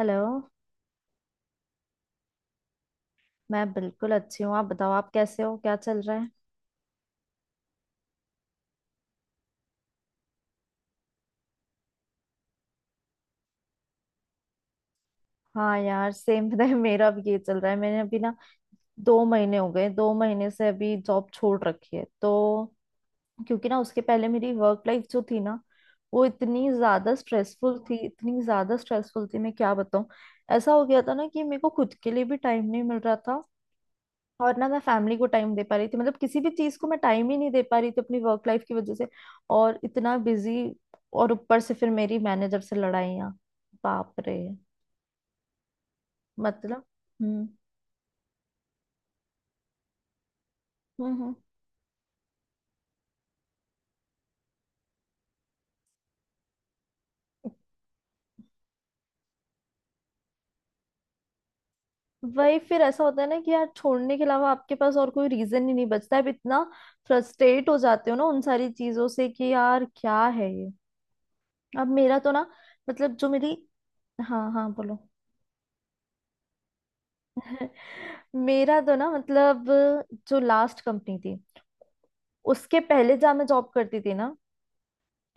Hello. मैं बिल्कुल अच्छी हूँ। आप बताओ, आप कैसे हो, क्या चल रहा है। हाँ यार, सेम पता है, मेरा भी ये चल रहा है। मैंने अभी ना 2 महीने हो गए, 2 महीने से अभी जॉब छोड़ रखी है। तो क्योंकि ना उसके पहले मेरी वर्क लाइफ जो थी ना, वो इतनी ज्यादा स्ट्रेसफुल थी, इतनी ज्यादा स्ट्रेसफुल थी, मैं क्या बताऊँ। ऐसा हो गया था ना कि मेरे को खुद के लिए भी टाइम नहीं मिल रहा था और ना मैं फैमिली को टाइम दे पा रही थी, मतलब किसी भी चीज को मैं टाइम ही नहीं दे पा रही थी अपनी वर्क लाइफ की वजह से। और इतना बिजी, और ऊपर से फिर मेरी मैनेजर से लड़ाइयाँ। बाप रे। मतलब। हम्म। हम्म हम्म। वही। फिर ऐसा होता है ना कि यार छोड़ने के अलावा आपके पास और कोई रीजन ही नहीं बचता है। अब इतना फ्रस्ट्रेट हो जाते हो ना उन सारी चीजों से कि यार क्या है ये। अब मेरा तो ना, मतलब जो मेरी, हाँ हाँ बोलो। मेरा तो ना, मतलब जो लास्ट कंपनी थी, उसके पहले जहाँ मैं जॉब करती थी ना,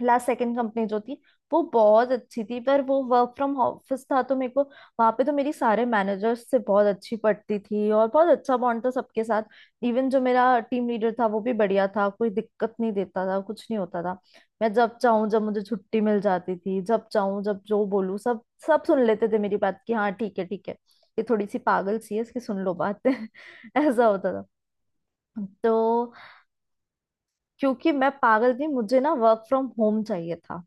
लास्ट सेकंड कंपनी जो थी, वो बहुत अच्छी थी। पर वो वर्क फ्रॉम ऑफिस था, तो मेरे को वहां पे तो मेरी सारे मैनेजर्स से बहुत अच्छी पड़ती थी और बहुत अच्छा बॉन्ड था सबके साथ। इवन जो मेरा टीम लीडर था वो भी बढ़िया था, कोई दिक्कत नहीं देता था, कुछ नहीं होता था। मैं जब चाहूँ जब मुझे छुट्टी मिल जाती थी, जब चाहूँ जब जो बोलूँ सब सब सुन लेते थे मेरी बात की, हाँ ठीक है ठीक है, ये थोड़ी सी पागल सी है इसकी सुन लो बात ऐसा होता था। तो क्योंकि मैं पागल थी, मुझे ना वर्क फ्रॉम होम चाहिए था।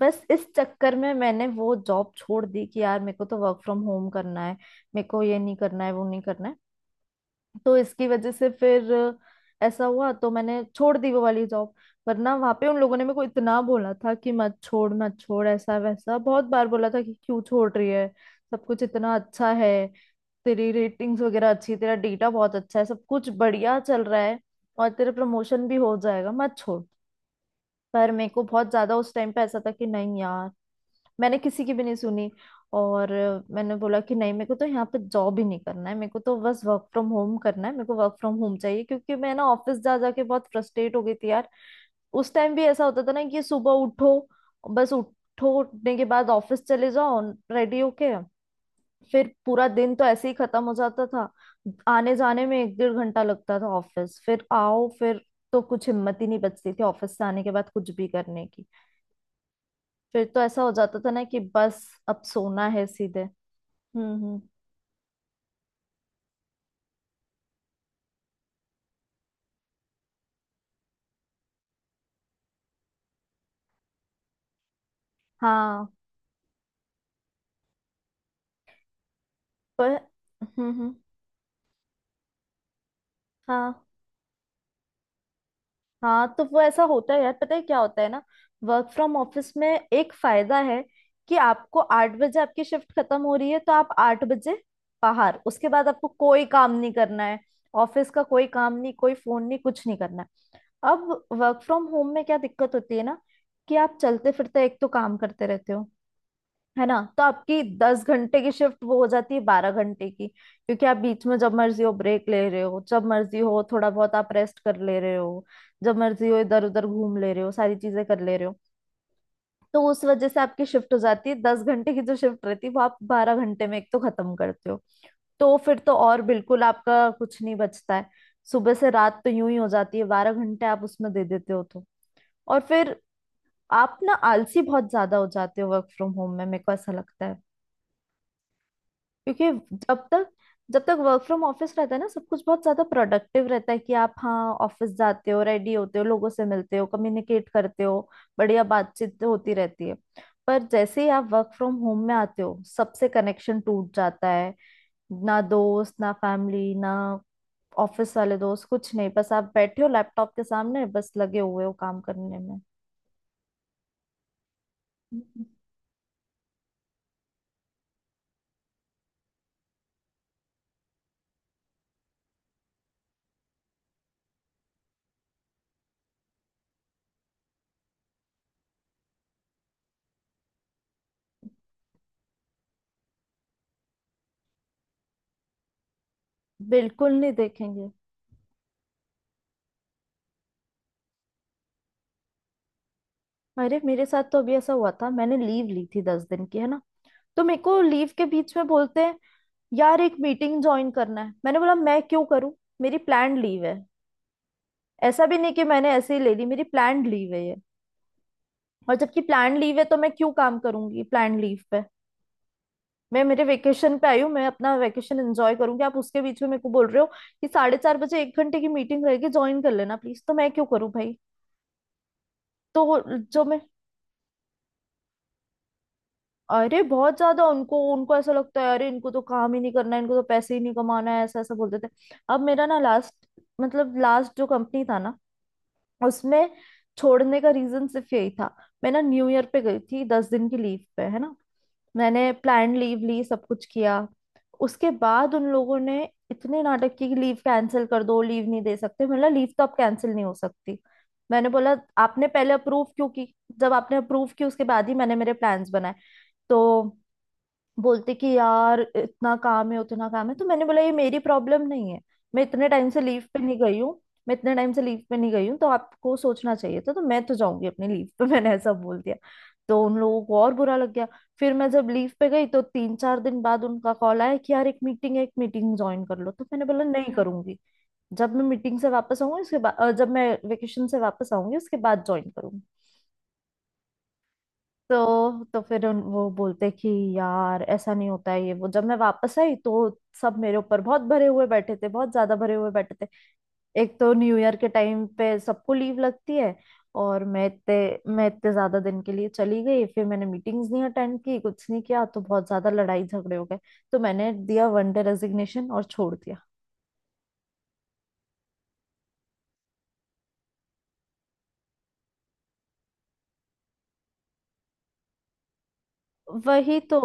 बस इस चक्कर में मैंने वो जॉब छोड़ दी कि यार मेरे को तो वर्क फ्रॉम होम करना है, मेरे को ये नहीं करना है, वो नहीं करना है। तो इसकी वजह से फिर ऐसा हुआ, तो मैंने छोड़ दी वो वाली जॉब। वरना वहां पे उन लोगों ने मेरे को इतना बोला था कि मत छोड़ मत छोड़, ऐसा वैसा बहुत बार बोला था कि क्यों छोड़ रही है, सब कुछ इतना अच्छा है, तेरी रेटिंग्स वगैरह अच्छी, तेरा डेटा बहुत अच्छा है, सब कुछ बढ़िया चल रहा है और तेरा प्रमोशन भी हो जाएगा, मत छोड़। पर मेरे को बहुत ज्यादा उस टाइम पे ऐसा था कि नहीं यार। मैंने किसी की भी नहीं सुनी। और मैंने बोला कि नहीं, मेरे को तो यहाँ पे जॉब ही नहीं करना है, मेरे को तो बस वर्क फ्रॉम होम करना है, मेरे को वर्क फ्रॉम होम चाहिए, क्योंकि मैं ना ऑफिस जा जाके बहुत फ्रस्ट्रेट हो गई थी यार। उस टाइम भी ऐसा होता था ना कि सुबह उठो, बस उठो, उठने के बाद ऑफिस चले जाओ रेडी होके। फिर पूरा दिन तो ऐसे ही खत्म हो जाता था। आने जाने में एक डेढ़ घंटा लगता था ऑफिस, फिर आओ फिर। तो कुछ हिम्मत ही नहीं बचती थी ऑफिस से आने के बाद कुछ भी करने की। फिर तो ऐसा हो जाता था ना कि बस अब सोना है सीधे। हम्म। हाँ। पर। हम्म। हाँ हाँ। तो वो ऐसा होता है यार, पता है क्या होता है ना, वर्क फ्रॉम ऑफिस में एक फायदा है कि आपको 8 बजे आपकी शिफ्ट खत्म हो रही है तो आप 8 बजे बाहर, उसके बाद आपको कोई काम नहीं करना है। ऑफिस का कोई काम नहीं, कोई फोन नहीं, कुछ नहीं करना है। अब वर्क फ्रॉम होम में क्या दिक्कत होती है ना कि आप चलते फिरते एक तो काम करते रहते हो, है ना, तो आपकी 10 घंटे की शिफ्ट वो हो जाती है 12 घंटे की, क्योंकि आप बीच में जब मर्जी हो ब्रेक ले रहे हो, जब मर्जी हो थोड़ा बहुत आप रेस्ट कर ले रहे हो, जब मर्जी हो इधर उधर घूम ले रहे हो, सारी चीजें कर ले रहे हो। तो उस वजह से आपकी शिफ्ट हो जाती है 10 घंटे की, जो शिफ्ट रहती है वो आप 12 घंटे में एक तो खत्म करते हो। तो फिर तो और बिल्कुल आपका कुछ नहीं बचता है। सुबह से रात तो यूं ही हो जाती है, बारह घंटे आप उसमें दे देते हो। तो और फिर आप ना आलसी बहुत ज्यादा हो जाते हो वर्क फ्रॉम होम में, मेरे को ऐसा लगता है। क्योंकि जब तक जब तक वर्क फ्रॉम ऑफिस रहता है ना सब कुछ बहुत ज्यादा प्रोडक्टिव रहता है, कि आप हाँ ऑफिस जाते हो, रेडी होते हो, लोगों से मिलते हो, कम्युनिकेट करते हो, बढ़िया बातचीत होती रहती है। पर जैसे ही आप वर्क फ्रॉम होम में आते हो, सबसे कनेक्शन टूट जाता है। ना दोस्त, ना फैमिली, ना ऑफिस वाले दोस्त, कुछ नहीं, बस आप बैठे हो लैपटॉप के सामने बस लगे हुए हो काम करने में। हम्म। बिल्कुल नहीं देखेंगे। अरे मेरे साथ तो अभी ऐसा हुआ था, मैंने लीव ली थी 10 दिन की, है ना। तो मेरे को लीव के बीच में बोलते हैं यार एक मीटिंग ज्वाइन करना है। मैंने बोला मैं क्यों करूं, मेरी प्लान लीव है। ऐसा भी नहीं कि मैंने ऐसे ही ले ली, मेरी प्लान लीव है ये। और जबकि प्लान लीव है तो मैं क्यों काम करूंगी प्लान लीव पे। मैं मेरे वेकेशन पे आई हूँ, मैं अपना वेकेशन एंजॉय करूंगी। आप उसके बीच में मेरे को बोल रहे हो कि 4:30 बजे एक घंटे की मीटिंग रहेगी, ज्वाइन कर लेना प्लीज। तो मैं क्यों करूँ भाई। तो जो, अरे बहुत ज्यादा उनको उनको ऐसा लगता है, अरे इनको तो काम ही नहीं करना है, इनको तो पैसे ही नहीं कमाना है, ऐसा ऐसा बोलते थे। अब मेरा ना लास्ट, मतलब लास्ट जो कंपनी था ना, उसमें छोड़ने का रीजन सिर्फ यही था। मैं ना न्यू ईयर पे गई थी 10 दिन की लीव पे, है ना। मैंने प्लान लीव ली, सब कुछ किया। उसके बाद उन लोगों ने इतने नाटक की कि लीव कैंसिल कर दो, लीव नहीं दे सकते, मतलब लीव तो अब कैंसिल नहीं हो सकती। मैंने बोला आपने पहले अप्रूव क्यों की, जब आपने अप्रूव की उसके बाद ही मैंने मेरे प्लान्स बनाए। तो बोलते कि यार इतना काम है, उतना काम है, तो मैंने बोला ये मेरी प्रॉब्लम नहीं है। मैं इतने टाइम से लीव पे नहीं गई हूँ। मैं इतने टाइम से लीव पे नहीं गई हूँ, तो आपको सोचना चाहिए था। तो मैं तो जाऊंगी अपनी लीव पे मैंने ऐसा बोल दिया। तो उन लोगों को और बुरा लग गया। फिर मैं जब लीव पे गई तो 3-4 दिन बाद उनका कॉल आया कि यार एक मीटिंग है, एक मीटिंग ज्वाइन कर लो। तो मैंने बोला नहीं करूंगी, जब मैं मीटिंग से वापस आऊंगी उसके बाद, जब मैं वेकेशन से वापस आऊंगी उसके बाद ज्वाइन करूंगी। तो फिर वो बोलते कि यार ऐसा नहीं होता है ये वो। जब मैं वापस आई तो सब मेरे ऊपर बहुत भरे हुए बैठे थे, बहुत ज्यादा भरे हुए बैठे थे। एक तो न्यू ईयर के टाइम पे सबको लीव लगती है, और मैं इतने ज्यादा दिन के लिए चली गई, फिर मैंने मीटिंग्स नहीं अटेंड की, कुछ नहीं किया, तो बहुत ज्यादा लड़ाई झगड़े हो गए। तो मैंने दिया वन डे रेजिग्नेशन और छोड़ दिया। वही तो।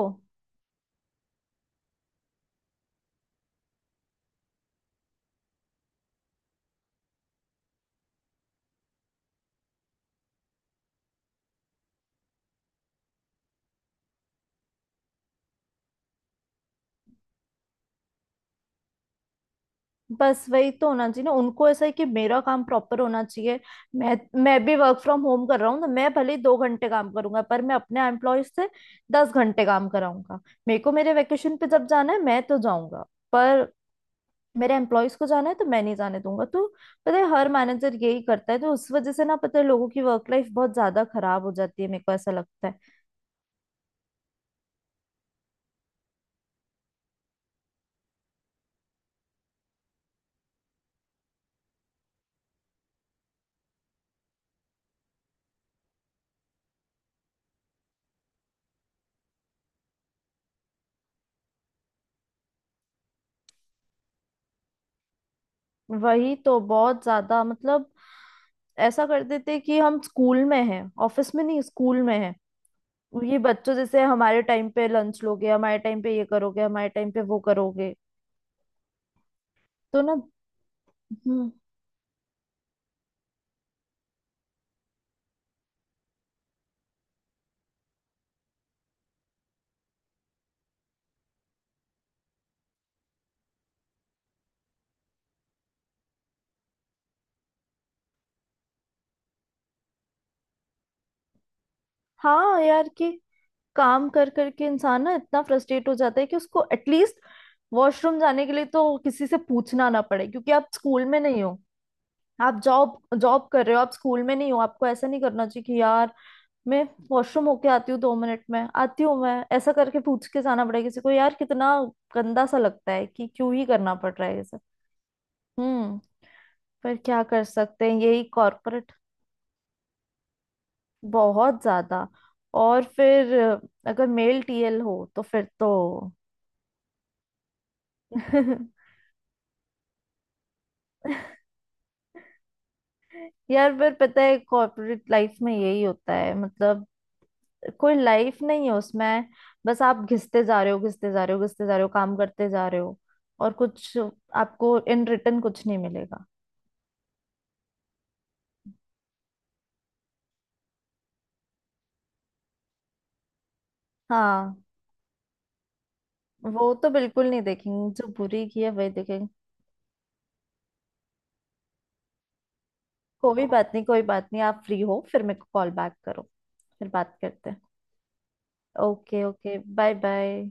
बस वही तो होना चाहिए ना, उनको ऐसा है कि मेरा काम प्रॉपर होना चाहिए। मैं मैं भी वर्क फ्रॉम होम कर रहा हूँ, तो मैं भले ही 2 घंटे काम करूंगा, पर मैं अपने एम्प्लॉय से 10 घंटे काम कराऊंगा। मेरे को मेरे वेकेशन पे जब जाना है मैं तो जाऊंगा, पर मेरे एम्प्लॉयज को जाना है तो मैं नहीं जाने दूंगा। तो पता है हर मैनेजर यही करता है, तो उस वजह से ना पता है लोगों की वर्क लाइफ बहुत ज्यादा खराब हो जाती है, मेरे को ऐसा लगता है। वही तो बहुत ज्यादा, मतलब ऐसा कर देते हैं कि हम स्कूल में हैं, ऑफिस में नहीं स्कूल में हैं। ये बच्चों जैसे हमारे टाइम पे लंच लोगे, हमारे टाइम पे ये करोगे, हमारे टाइम पे वो करोगे। तो ना। हम्म। हाँ यार कि काम कर करके इंसान ना इतना फ्रस्ट्रेट हो जाता है कि उसको एटलीस्ट वॉशरूम जाने के लिए तो किसी से पूछना ना पड़े, क्योंकि आप स्कूल में नहीं हो। आप जॉब जॉब कर रहे हो, आप स्कूल में नहीं हो। आपको ऐसा नहीं करना चाहिए कि यार मैं वॉशरूम होके आती हूँ, 2 मिनट में आती हूँ, मैं ऐसा करके पूछ के जाना पड़ेगा किसी को, यार कितना गंदा सा लगता है कि क्यों ही करना पड़ रहा है ये सब। हम्म। फिर क्या कर सकते हैं, यही कॉर्पोरेट। बहुत ज्यादा। और फिर अगर मेल टीएल हो तो फिर तो यार फिर पता है कॉर्पोरेट लाइफ में यही होता है, मतलब कोई लाइफ नहीं है उसमें। बस आप घिसते जा रहे हो, घिसते जा रहे हो, घिसते जा रहे हो, काम करते जा रहे हो, और कुछ आपको इन रिटर्न कुछ नहीं मिलेगा। हाँ वो तो बिल्कुल नहीं देखेंगे, जो बुरी की है वही देखेंगे। कोई बात नहीं, कोई बात नहीं, आप फ्री हो फिर मेरे को कॉल बैक करो, फिर बात करते हैं। Okay okay, bye bye.